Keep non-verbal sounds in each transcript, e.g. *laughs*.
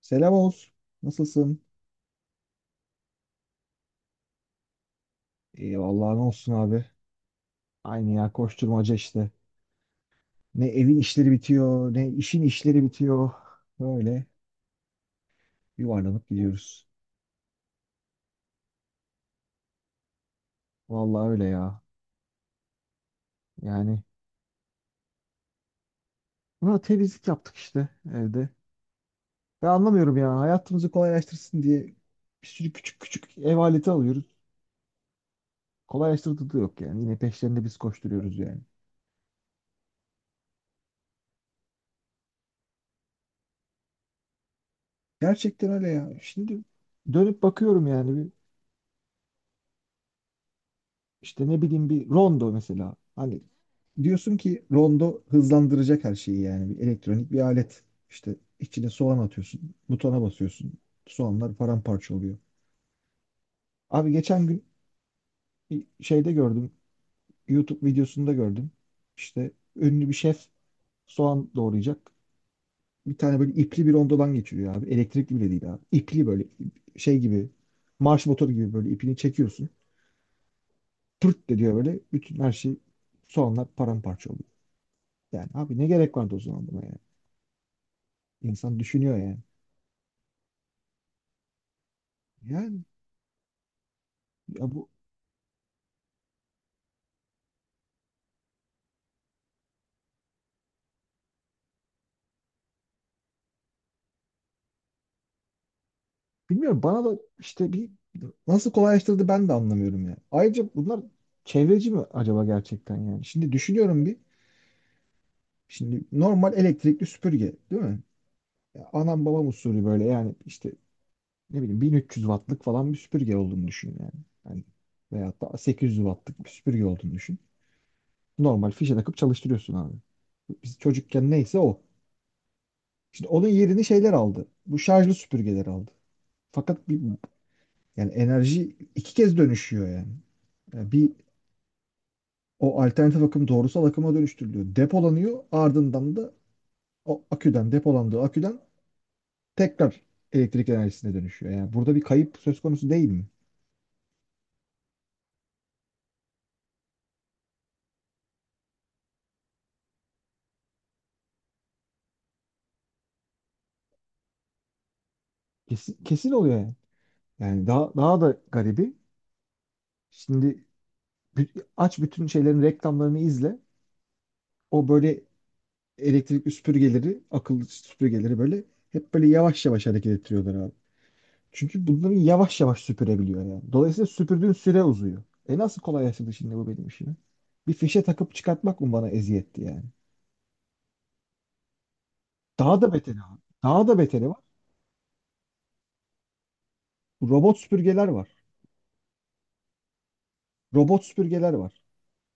Selam olsun. Nasılsın? İyi vallahi ne olsun abi. Aynı ya koşturmaca işte. Ne evin işleri bitiyor, ne işin işleri bitiyor. Böyle yuvarlanıp gidiyoruz. Vallahi öyle ya. Yani buna temizlik yaptık işte evde. Ben anlamıyorum ya. Hayatımızı kolaylaştırsın diye bir sürü küçük küçük ev aleti alıyoruz. Kolaylaştırdığı da yok yani. Yine peşlerinde biz koşturuyoruz yani. Gerçekten öyle ya. Şimdi dönüp bakıyorum yani bir, işte ne bileyim bir rondo mesela. Hani diyorsun ki rondo hızlandıracak her şeyi yani bir elektronik bir alet. İşte içine soğan atıyorsun, butona basıyorsun. Soğanlar paramparça oluyor. Abi geçen gün bir şeyde gördüm, YouTube videosunda gördüm. İşte ünlü bir şef soğan doğrayacak. Bir tane böyle ipli bir rondodan geçiriyor abi. Elektrikli bile değil abi. İpli böyle şey gibi marş motoru gibi böyle ipini çekiyorsun. Pırt de diyor böyle bütün her şey soğanlar paramparça oluyor. Yani abi ne gerek vardı o zaman buna yani? İnsan düşünüyor yani. Yani ya bu, bilmiyorum, bana da işte bir nasıl kolaylaştırdı ben de anlamıyorum ya. Ayrıca bunlar çevreci mi acaba gerçekten yani? Şimdi düşünüyorum bir. Şimdi normal elektrikli süpürge değil mi? Ya anam babam usulü böyle yani işte ne bileyim 1300 wattlık falan bir süpürge olduğunu düşün yani. Hani veyahut da 800 wattlık bir süpürge olduğunu düşün. Normal fişe takıp çalıştırıyorsun abi. Biz çocukken neyse o. Şimdi onun yerini şeyler aldı. Bu şarjlı süpürgeler aldı. Fakat bir, yani enerji iki kez dönüşüyor yani. Yani bir o alternatif akım doğrusal akıma dönüştürülüyor. Depolanıyor, ardından da o aküden, depolandığı aküden tekrar elektrik enerjisine dönüşüyor. Yani burada bir kayıp söz konusu değil mi? Kesin, kesin oluyor yani. Yani daha da garibi. Şimdi aç bütün şeylerin reklamlarını izle. O böyle elektrikli süpürgeleri, akıllı süpürgeleri böyle hep böyle yavaş yavaş hareket ettiriyorlar abi. Çünkü bunları yavaş yavaş süpürebiliyor yani. Dolayısıyla süpürdüğün süre uzuyor. E nasıl kolaylaştırdı şimdi bu benim işimi? Bir fişe takıp çıkartmak mı bana eziyetti yani? Daha da beteri var. Daha da beteri var. Robot süpürgeler var. Robot süpürgeler var.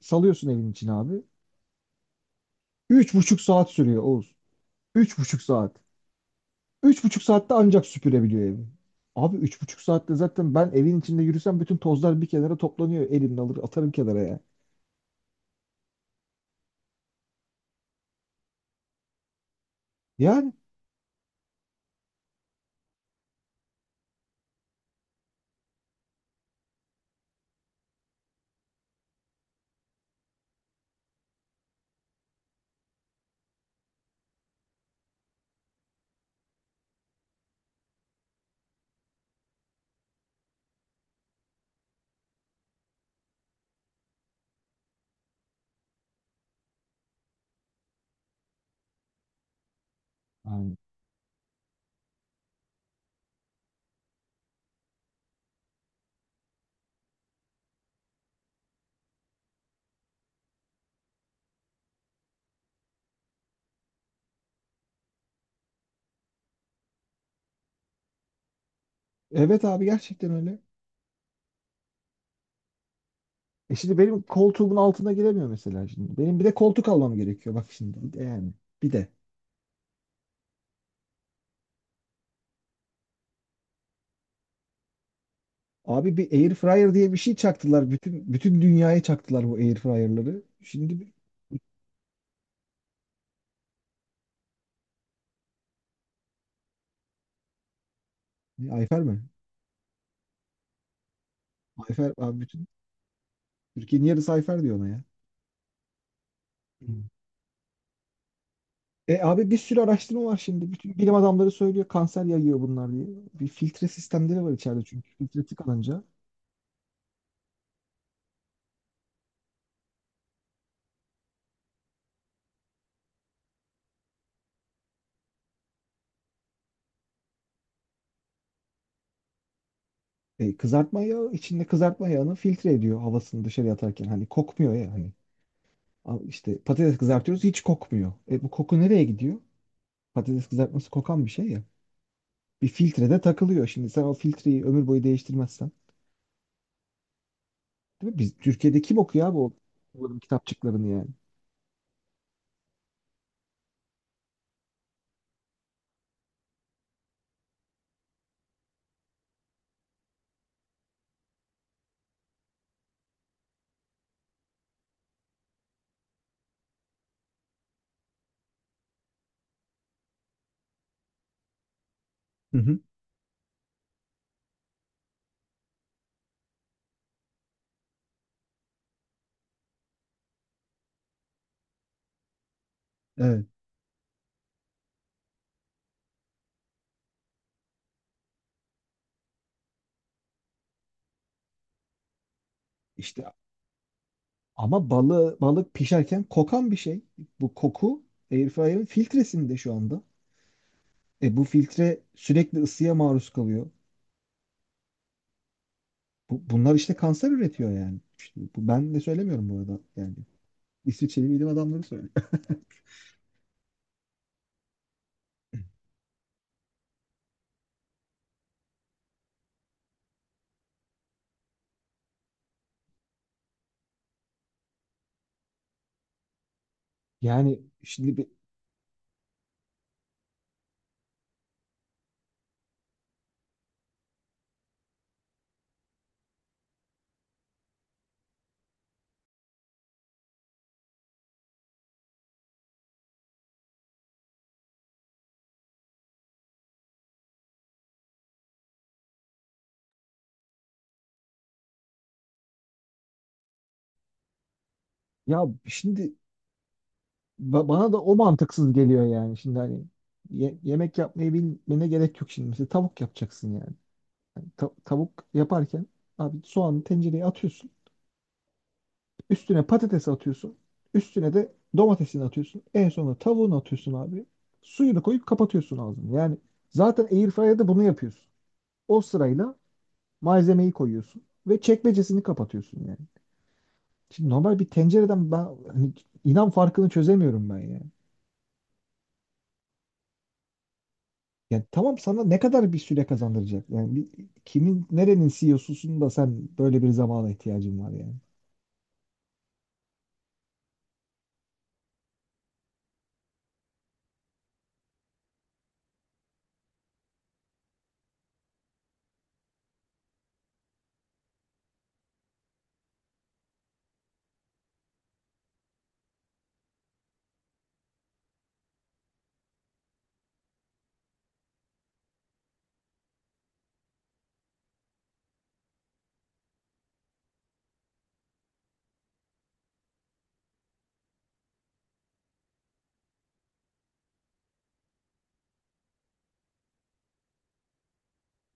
Salıyorsun evin içine abi. Üç buçuk saat sürüyor Oğuz. Üç buçuk saat. Üç buçuk saatte ancak süpürebiliyor evi. Abi üç buçuk saatte zaten ben evin içinde yürüsem bütün tozlar bir kenara toplanıyor. Elimle alır atarım kenara ya. Yani. Yani. Evet abi gerçekten öyle. E şimdi benim koltuğumun altına giremiyor mesela şimdi. Benim bir de koltuk almam gerekiyor bak şimdi. Bir de yani, bir de. Abi bir air fryer diye bir şey çaktılar. Bütün dünyaya çaktılar bu air fryer'ları. Şimdi ne, Ayfer mi? Ayfer abi, bütün Türkiye'nin yarısı Ayfer diyor ona ya. Hmm. E abi bir sürü araştırma var şimdi. Bütün bilim adamları söylüyor kanser yayıyor bunlar diye. Bir filtre sistemleri var içeride, çünkü filtre tıkanınca. E, kızartma yağı içinde kızartma yağını filtre ediyor havasını dışarı atarken. Hani kokmuyor ya hani. Al işte patates kızartıyoruz hiç kokmuyor. E bu koku nereye gidiyor? Patates kızartması kokan bir şey ya. Bir filtrede takılıyor. Şimdi sen o filtreyi ömür boyu değiştirmezsen. Değil mi? Biz Türkiye'de kim okuyor bu bunların kitapçıklarını yani? Hı hı. Evet. İşte ama balık pişerken kokan bir şey. Bu koku airfryer'ın filtresinde şu anda. E bu filtre sürekli ısıya maruz kalıyor. Bunlar işte kanser üretiyor yani. İşte bu, ben de söylemiyorum bu arada yani. İsviçreli bilim adamları söylüyor. Yani şimdi bir, ya şimdi bana da o mantıksız geliyor yani. Şimdi hani yemek yapmayı bilmene gerek yok şimdi. Mesela tavuk yapacaksın yani. Tavuk yaparken abi soğanı tencereye atıyorsun. Üstüne patates atıyorsun. Üstüne de domatesini atıyorsun. En sonunda tavuğunu atıyorsun abi. Suyunu koyup kapatıyorsun ağzını. Yani zaten airfryer'da bunu yapıyorsun. O sırayla malzemeyi koyuyorsun ve çekmecesini kapatıyorsun yani. Şimdi normal bir tencereden ben hani inan farkını çözemiyorum ben yani. Yani tamam, sana ne kadar bir süre kazandıracak? Yani bir, kimin nerenin CEO'susun da sen böyle bir zamana ihtiyacın var yani.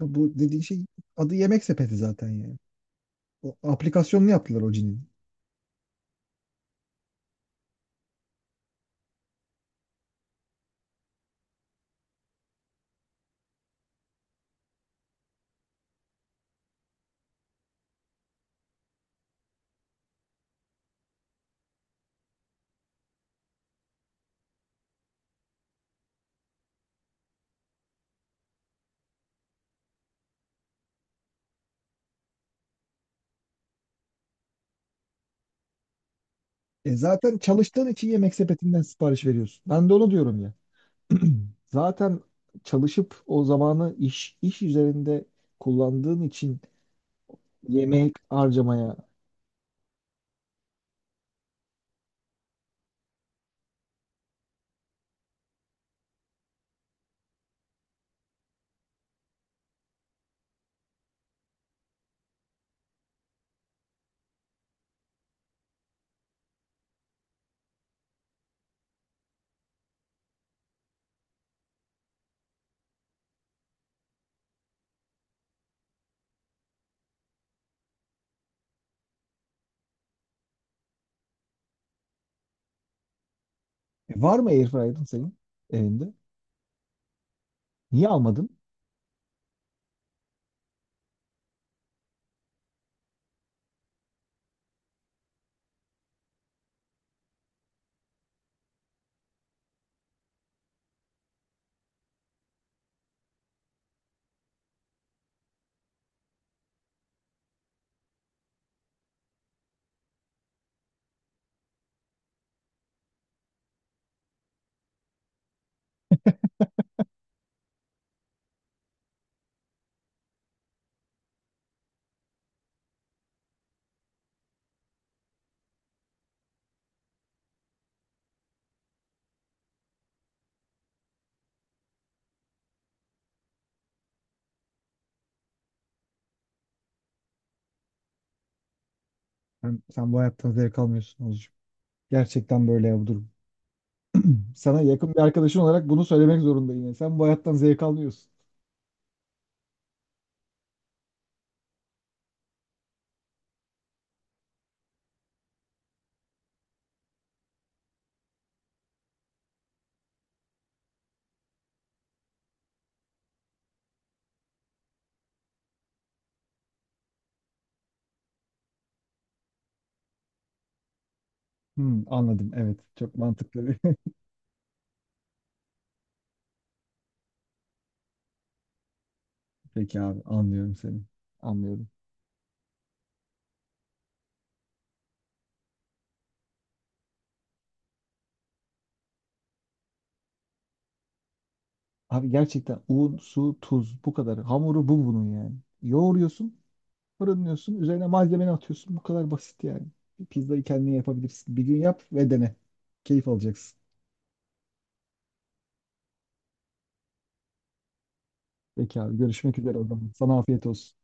Ya bu dediğin şey adı yemek sepeti zaten yani. O aplikasyonunu yaptılar o cinin. E zaten çalıştığın için yemek sepetinden sipariş veriyorsun. Ben de onu diyorum ya. Zaten çalışıp o zamanı iş üzerinde kullandığın için yemek harcamaya. E var mı airfryer'ın senin evinde? Niye almadın? Sen bu hayattan zevk almıyorsun Oğuzcuğum. Gerçekten böyle ya bu durum. Sana yakın bir arkadaşın olarak bunu söylemek zorundayım. Yani sen bu hayattan zevk almıyorsun. Hmm, anladım. Evet. Çok mantıklı bir. *laughs* Peki abi, anlıyorum seni. Anlıyorum. Abi gerçekten un, su, tuz, bu kadar. Hamuru bu bunun yani. Yoğuruyorsun, fırınlıyorsun, üzerine malzemeni atıyorsun. Bu kadar basit yani. Bir pizzayı kendin yapabilirsin. Bir gün yap ve dene. Keyif alacaksın. Peki abi, görüşmek üzere o zaman. Sana afiyet olsun.